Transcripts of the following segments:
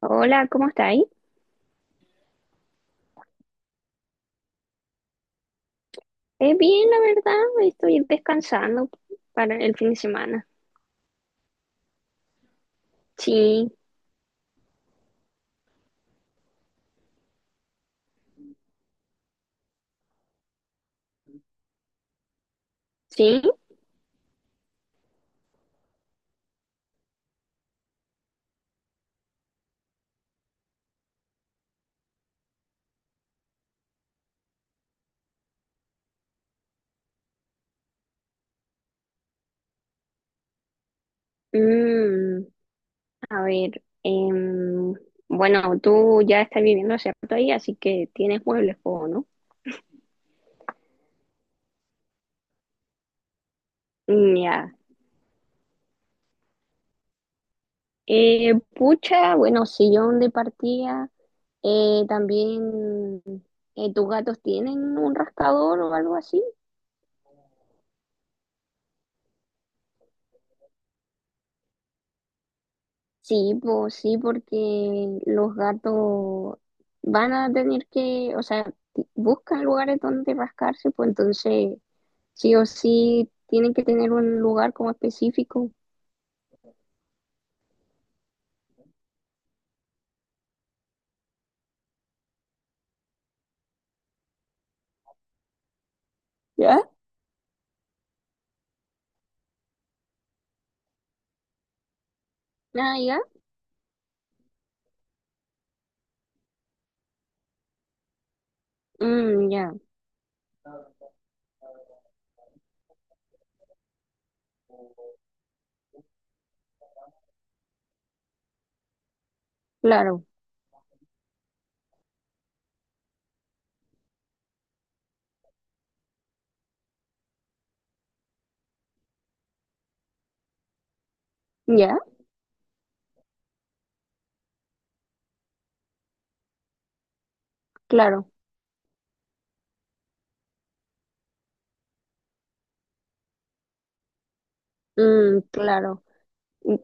Hola, ¿cómo estáis? Es bien, la verdad, estoy descansando para el fin de semana. Sí, sí. Mm, a ver, bueno, tú ya estás viviendo hace rato ahí, así que tienes muebles, po, ¿no? Mm. Ya. Pucha, bueno, sillón de partida. Eh, también, ¿tus gatos tienen un rascador o algo así? Sí, pues sí, porque los gatos van a tener que, o sea, buscan lugares donde rascarse, pues entonces sí o sí tienen que tener un lugar como específico. ¿Ya? Ah, ya. Mm, ya, claro, ya, claro. Mm, claro. Mm,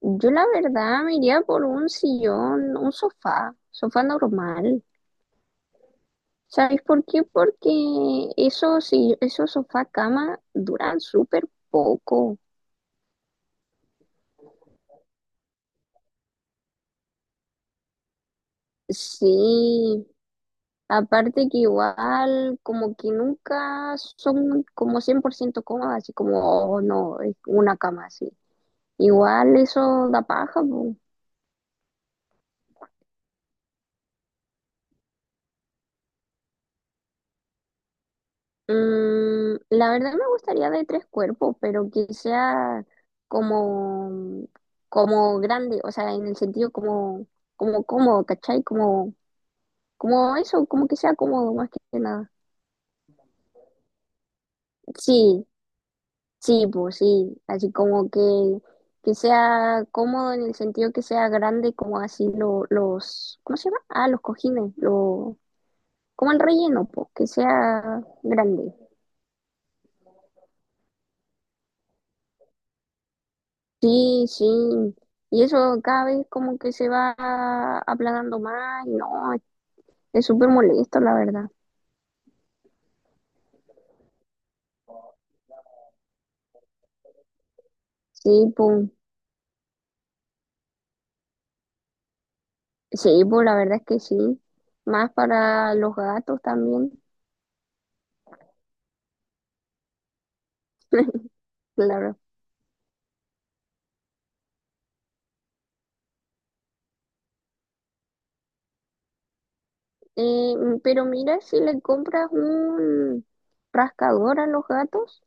Yo la verdad me iría por un sillón, un sofá, sofá normal. ¿Sabes por qué? Porque esos, si- esos sofá cama duran súper poco. Sí, aparte que igual como que nunca son como 100% cómodas, así como, oh no, es una cama así. Igual eso da paja, po. La verdad me gustaría de tres cuerpos, pero que sea como, como grande, o sea, en el sentido como, como cómodo, ¿cachai? Como, como eso, como que sea cómodo más que nada. Sí, sí, pues sí, así como que sea cómodo en el sentido que sea grande, como los, ¿cómo se llama? Ah, los cojines, lo, como el relleno, pues, que sea grande. Sí, sí, y eso cada vez como que se va aplanando más, y no, es súper molesto, la verdad. Sí, pues, sí, pues la verdad es que sí, más para los gatos también. Claro. Pero mira, si le compras un rascador a los gatos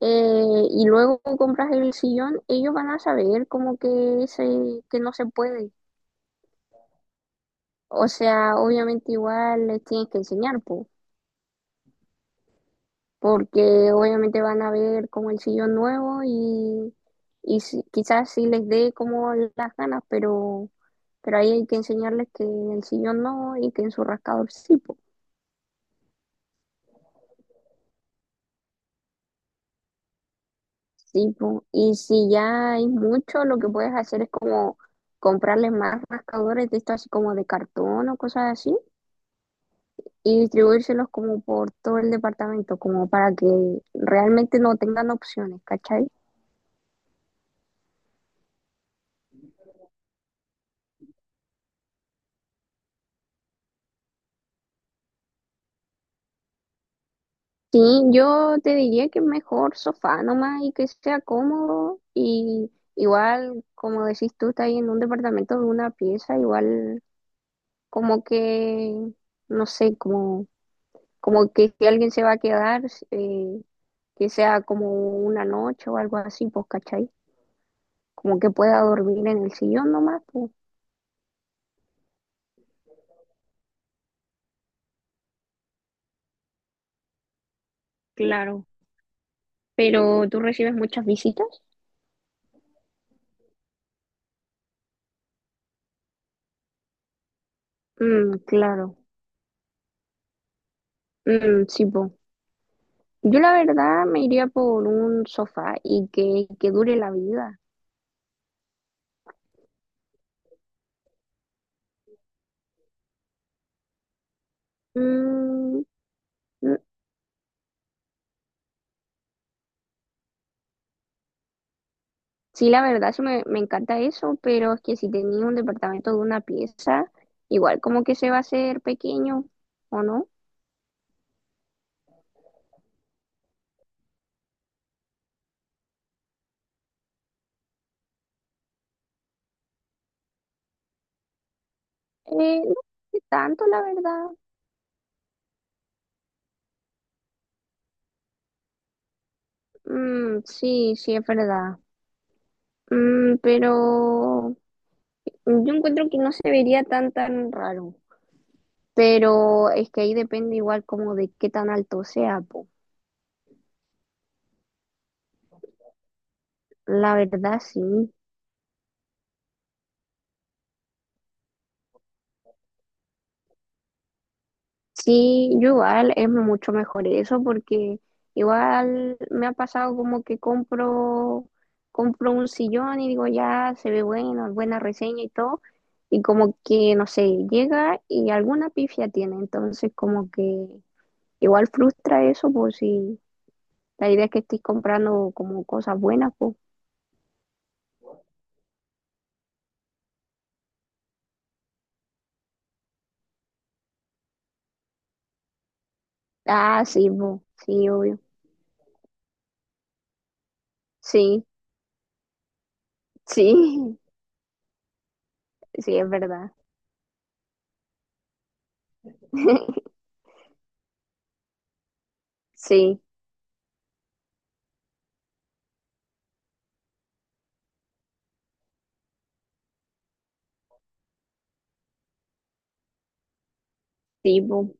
eh, y luego compras el sillón, ellos van a saber como que, se, que no se puede. O sea, obviamente igual les tienes que enseñar, po, porque obviamente van a ver como el sillón nuevo y, quizás sí les dé como las ganas, pero ahí hay que enseñarles que en el sillón no y que en su rascador sí, po. Sí, po. Y si ya hay mucho, lo que puedes hacer es como comprarles más rascadores de esto así como de cartón o cosas así, y distribuírselos como por todo el departamento, como para que realmente no tengan opciones, ¿cachai? Sí, yo te diría que mejor sofá nomás y que sea cómodo, y igual, como decís tú, estás ahí en un departamento de una pieza, igual como que, no sé, como, como que si alguien se va a quedar, eh, que sea como una noche o algo así, pues, ¿cachai? Como que pueda dormir en el sillón nomás, pues, claro. Pero tú recibes muchas visitas. Mm, claro. Mm, sí, pues. Yo la verdad me iría por un sofá y que dure la vida. Mm, mm, sí, la verdad, eso me, me encanta eso, pero es que si tenía un departamento de una pieza, igual como que se va a hacer pequeño, ¿o no? No sé tanto, la verdad. Mm, sí, sí, es verdad. Mm, pero yo encuentro que no se vería tan tan raro. Pero es que ahí depende igual como de qué tan alto sea, po. La verdad sí. Sí, yo igual es mucho mejor eso porque igual me ha pasado como que compro un sillón y digo ya se ve bueno, buena reseña y todo, y como que no sé, llega y alguna pifia tiene, entonces como que igual frustra eso, pues sí. La idea es que estoy comprando como cosas buenas, pues. Ah, sí, po. Sí, obvio. Sí, sí, sí, es verdad. Sí, tipo,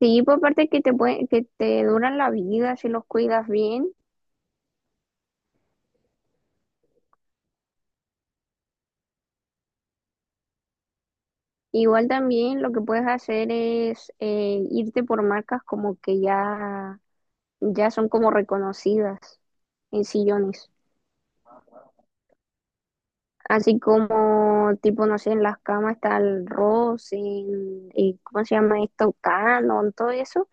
sí, por parte que te puede, que te duran la vida si los cuidas bien. Igual también lo que puedes hacer es irte por marcas como que ya, ya son como reconocidas en sillones. Así como, tipo, no sé, en las camas está el Ross, en, y ¿cómo se llama esto? Canon, todo eso.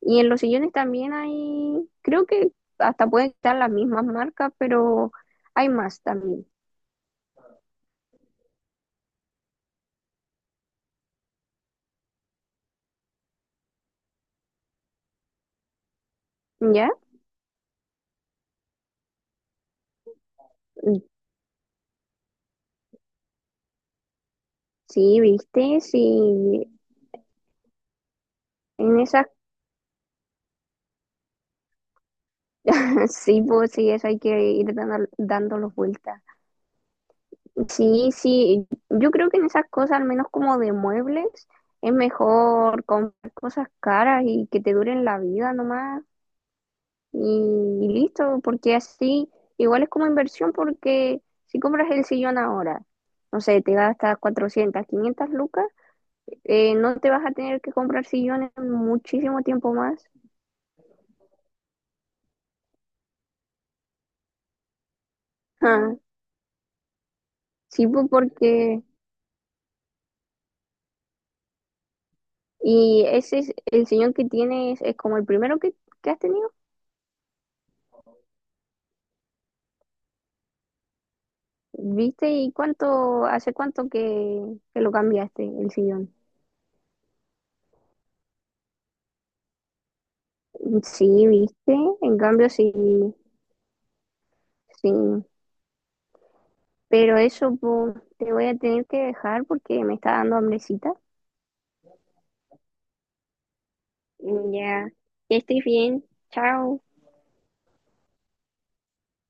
Y en los sillones también hay, creo que hasta pueden estar las mismas marcas, pero hay más también. ¿Ya? Sí, viste, sí, en esas, sí, pues sí, eso hay que ir dando, dándolos vueltas. Sí, sí, yo creo que en esas cosas, al menos como de muebles, es mejor comprar cosas caras y que te duren la vida nomás. Y listo, porque así igual es como inversión porque si compras el sillón ahora, no sé, te gastas 400, 500 lucas, no te vas a tener que comprar sillones muchísimo tiempo más. Ah, sí, pues, porque... Y ese es el sillón que tienes, es como el primero que has tenido. ¿Viste? ¿Y cuánto, hace cuánto que lo cambiaste el sillón? Sí, ¿viste? En cambio, sí, sí. Pero eso, pues, te voy a tener que dejar porque me está dando hambrecita. Ya, ya estoy bien. Chao.